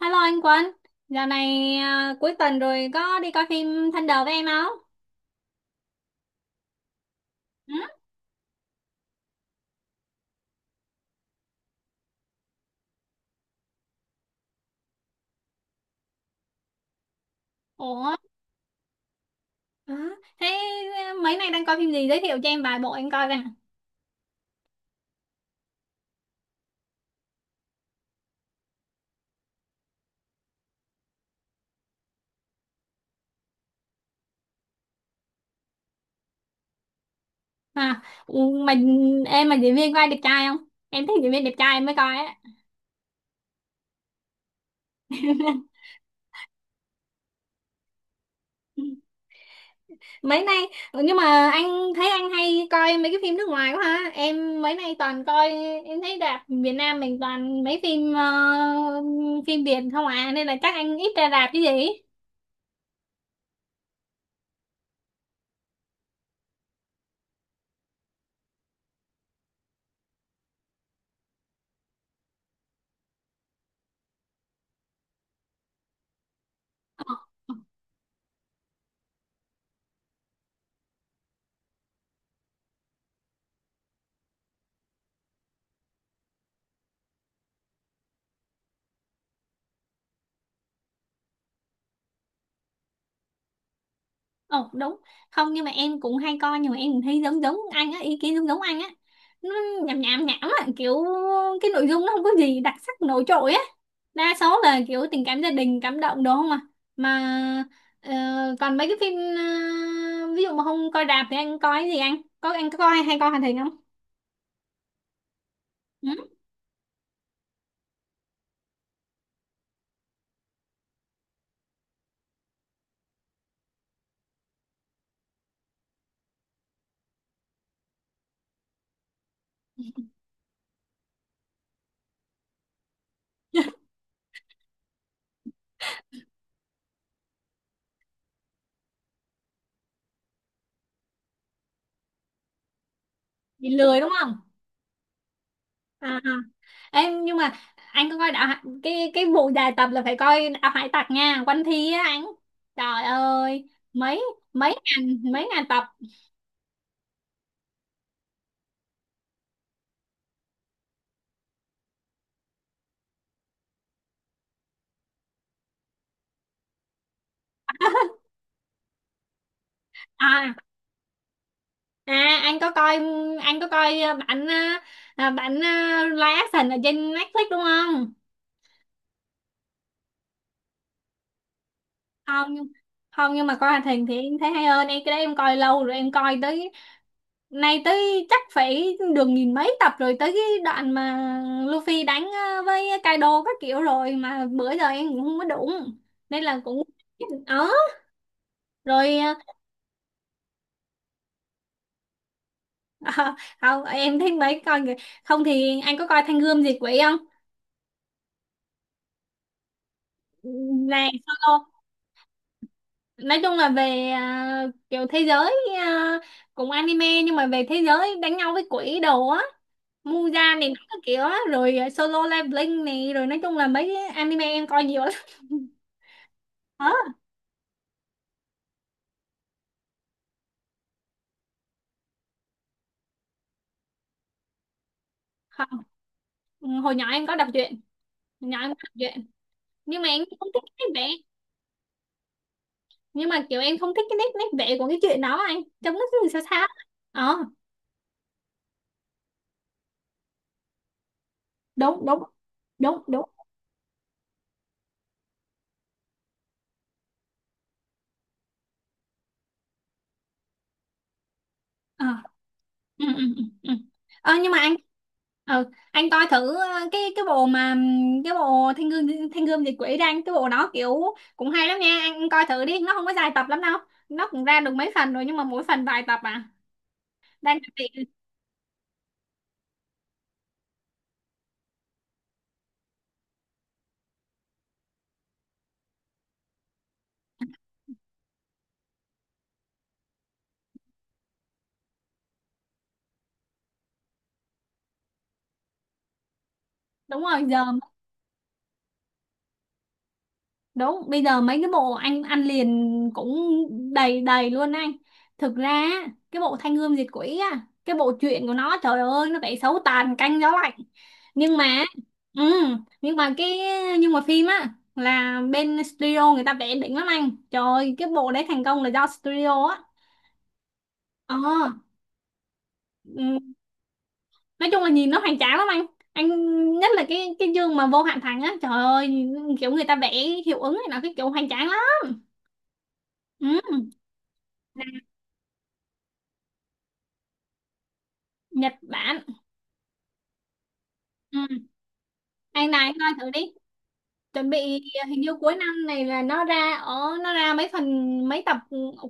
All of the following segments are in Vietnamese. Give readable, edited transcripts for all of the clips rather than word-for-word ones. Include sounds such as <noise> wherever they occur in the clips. Hello anh Quân, giờ này à, cuối tuần rồi có đi coi phim Thunder với em không? Ừ? Ủa? Hả? Thế à, mấy nay đang coi phim gì, giới thiệu cho em vài bộ em coi coi. À, ừ, mà em mà diễn viên có ai đẹp trai không? Em thích diễn viên đẹp trai em mới coi á. <laughs> Mấy nay nhưng mà anh thấy anh hay coi mấy cái phim nước ngoài quá ha. Em mấy nay toàn coi, em thấy rạp Việt Nam mình toàn mấy phim phim Việt không à, nên là chắc anh ít ra rạp chứ gì. Ờ. Ồ, đúng. Không nhưng mà em cũng hay coi. Nhưng mà em cũng thấy giống giống anh á, ý kiến giống giống anh á. Nó nhảm nhảm nhảm á, kiểu cái nội dung nó không có gì đặc sắc nổi trội á. Đa số là kiểu tình cảm gia đình cảm động, đúng không à? Mà ờ, còn mấy cái phim ví dụ mà không coi rạp thì anh coi cái gì anh? Anh có coi, hay coi hoạt hình không? Ừ? Bị lười đúng không à? Em, nhưng mà anh có coi cái vụ dài tập là phải coi đạo hải tặc nha, One Piece á anh. Trời ơi, mấy mấy ngàn tập. À, à, anh có coi, anh có coi bản à, à, bản à, live action ở trên Netflix đúng không? không nhưng- Không nhưng mà coi hoạt hình thì em thấy hay hơn, em cái đấy em coi lâu rồi, em coi tới. Này tới chắc phải được nghìn mấy tập rồi, tới cái đoạn mà Luffy đánh với Kaido các kiểu, rồi mà bữa giờ em cũng không có đụng, nên là cũng ờ rồi, <laughs> không, em thấy mấy coi kìa. Không thì anh có coi Thanh Gươm Diệt Quỷ không? Này solo, nói chung là về kiểu thế giới, ờ, cũng anime nhưng mà về thế giới đánh nhau với quỷ đồ á, Muja này các kiểu á, rồi à, Solo Leveling này, rồi nói chung là mấy cái anime em coi nhiều lắm. <laughs> Ờ. Ừ, hồi nhỏ em có đọc truyện hồi nhỏ em có đọc truyện nhưng mà em không thích cái nét vẽ, nhưng mà kiểu em không thích cái nét nét vẽ của cái chuyện đó anh, trông nó cứ sao sao. ờ Đúng, đúng, đúng, đúng. ờ ừ, ừ, ừ, ừ. Nhưng mà anh coi thử cái bộ mà cái bộ thiên gương diệt quỷ ra anh, cái bộ đó kiểu cũng hay lắm nha, anh coi thử đi, nó không có dài tập lắm đâu. Nó cũng ra được mấy phần rồi, nhưng mà mỗi phần vài tập à. Đang chuẩn bị đúng rồi giờ. Đúng, bây giờ mấy cái bộ anh ăn liền cũng đầy đầy luôn anh. Thực ra á, cái bộ Thanh Gươm Diệt Quỷ á, cái bộ truyện của nó trời ơi nó vẽ xấu tàn canh gió lạnh. Nhưng mà ừ, nhưng mà cái phim á là bên studio người ta vẽ đỉnh lắm anh. Trời ơi, cái bộ đấy thành công là do studio á. Ờ, ừ, nói chung là nhìn nó hoành tráng lắm anh. Anh, nhất là cái chương mà vô hạn thành á, trời ơi, kiểu người ta vẽ hiệu ứng này nó cái kiểu hoành tráng lắm. Ừ. Nhật Bản. Ừ. Anh này, anh coi thử đi. Chuẩn bị hình như cuối năm này là nó ra ở, nó ra mấy phần mấy tập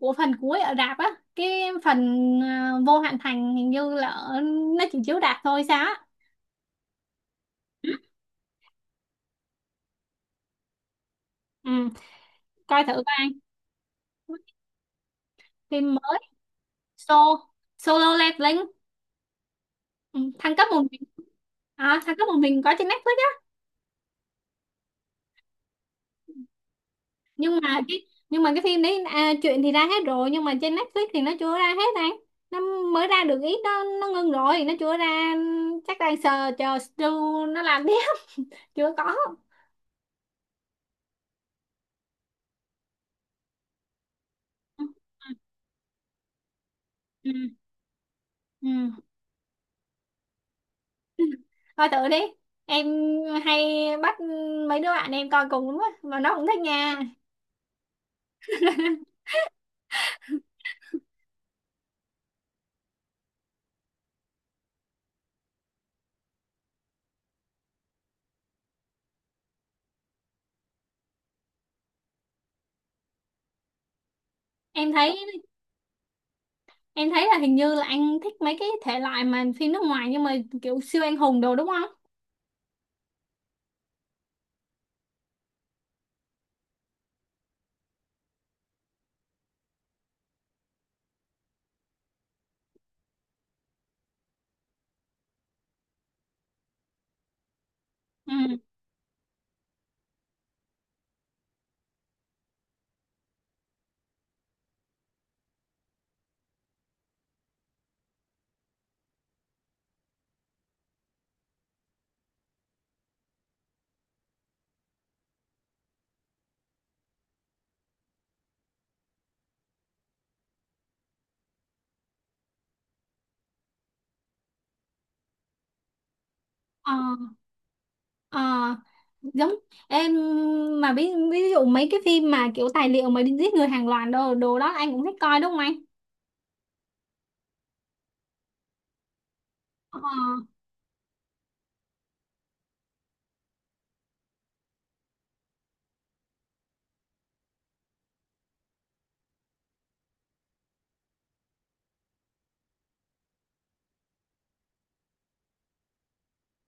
của phần cuối ở rạp á, cái phần ờ, vô hạn thành hình như là ở, nó chỉ chiếu rạp thôi sao á. Ừ, coi thử coi anh. Phim mới, so solo leveling. Ừ, thăng cấp một mình. À, thăng cấp một mình có trên Netflix. Nhưng mà cái phim đấy à, chuyện thì ra hết rồi, nhưng mà trên Netflix thì nó chưa ra hết anh. Nó mới ra được ít đó, nó ngưng rồi, nó chưa ra, chắc đang chờ chờ Stu nó làm tiếp. <laughs> Chưa có. Ừ, ừ, ừ. Coi thử đi, em hay bắt mấy đứa bạn em coi cùng lắm á mà nó cũng thích nha. Em thấy em thấy là hình như là anh thích mấy cái thể loại mà phim nước ngoài, nhưng mà kiểu siêu anh hùng đồ, đúng không? Ừ. Ờ. Ờ, giống em mà ví dụ mấy cái phim mà kiểu tài liệu mà đi giết người hàng loạt đồ đồ đó anh cũng thích coi đúng không anh? Ờ.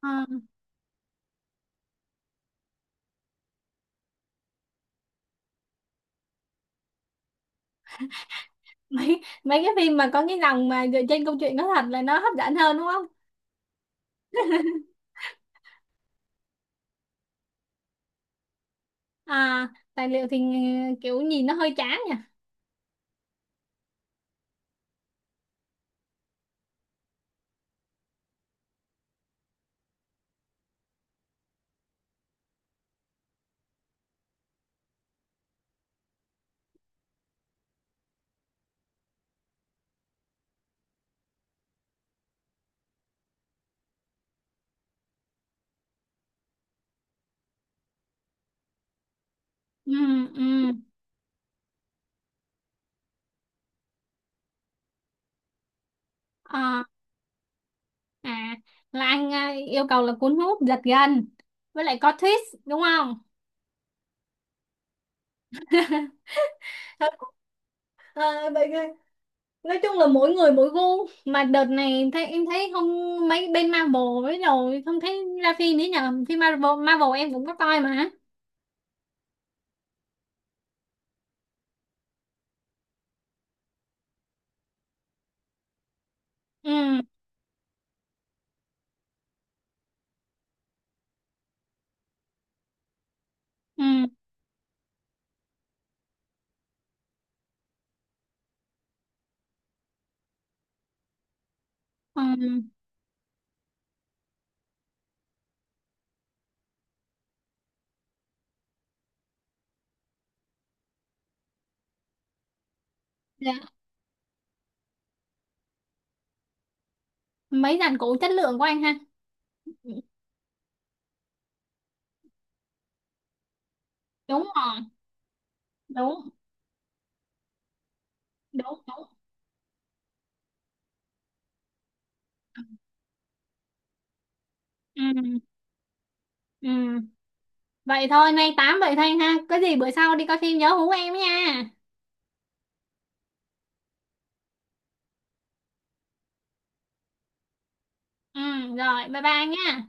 Ờ. <laughs> mấy mấy cái phim mà có cái dòng mà dựa trên câu chuyện có thật là nó hấp dẫn hơn đúng không? À, tài liệu thì kiểu nhìn nó hơi chán nhỉ. Ừ, ừ. Ờ, à là anh à, yêu cầu là cuốn hút giật gân, với lại có twist, đúng không? <laughs> Ờ, vậy nói chung là mỗi người mỗi gu mà đợt này thấy em thấy không mấy bên Marvel, với rồi không thấy ra phim nữa nhờ, phim Marvel Marvel em cũng có coi mà. Ừ, ừ, ừ. Dạ. Mấy dàn cũ chất lượng của anh ha. Đúng rồi, đúng, đúng, đúng. Ừ, ừ. Vậy thôi, nay tám vậy thôi anh ha, có gì bữa sau đi coi phim nhớ hú em nha. Ừ, rồi, bye bye anh nha.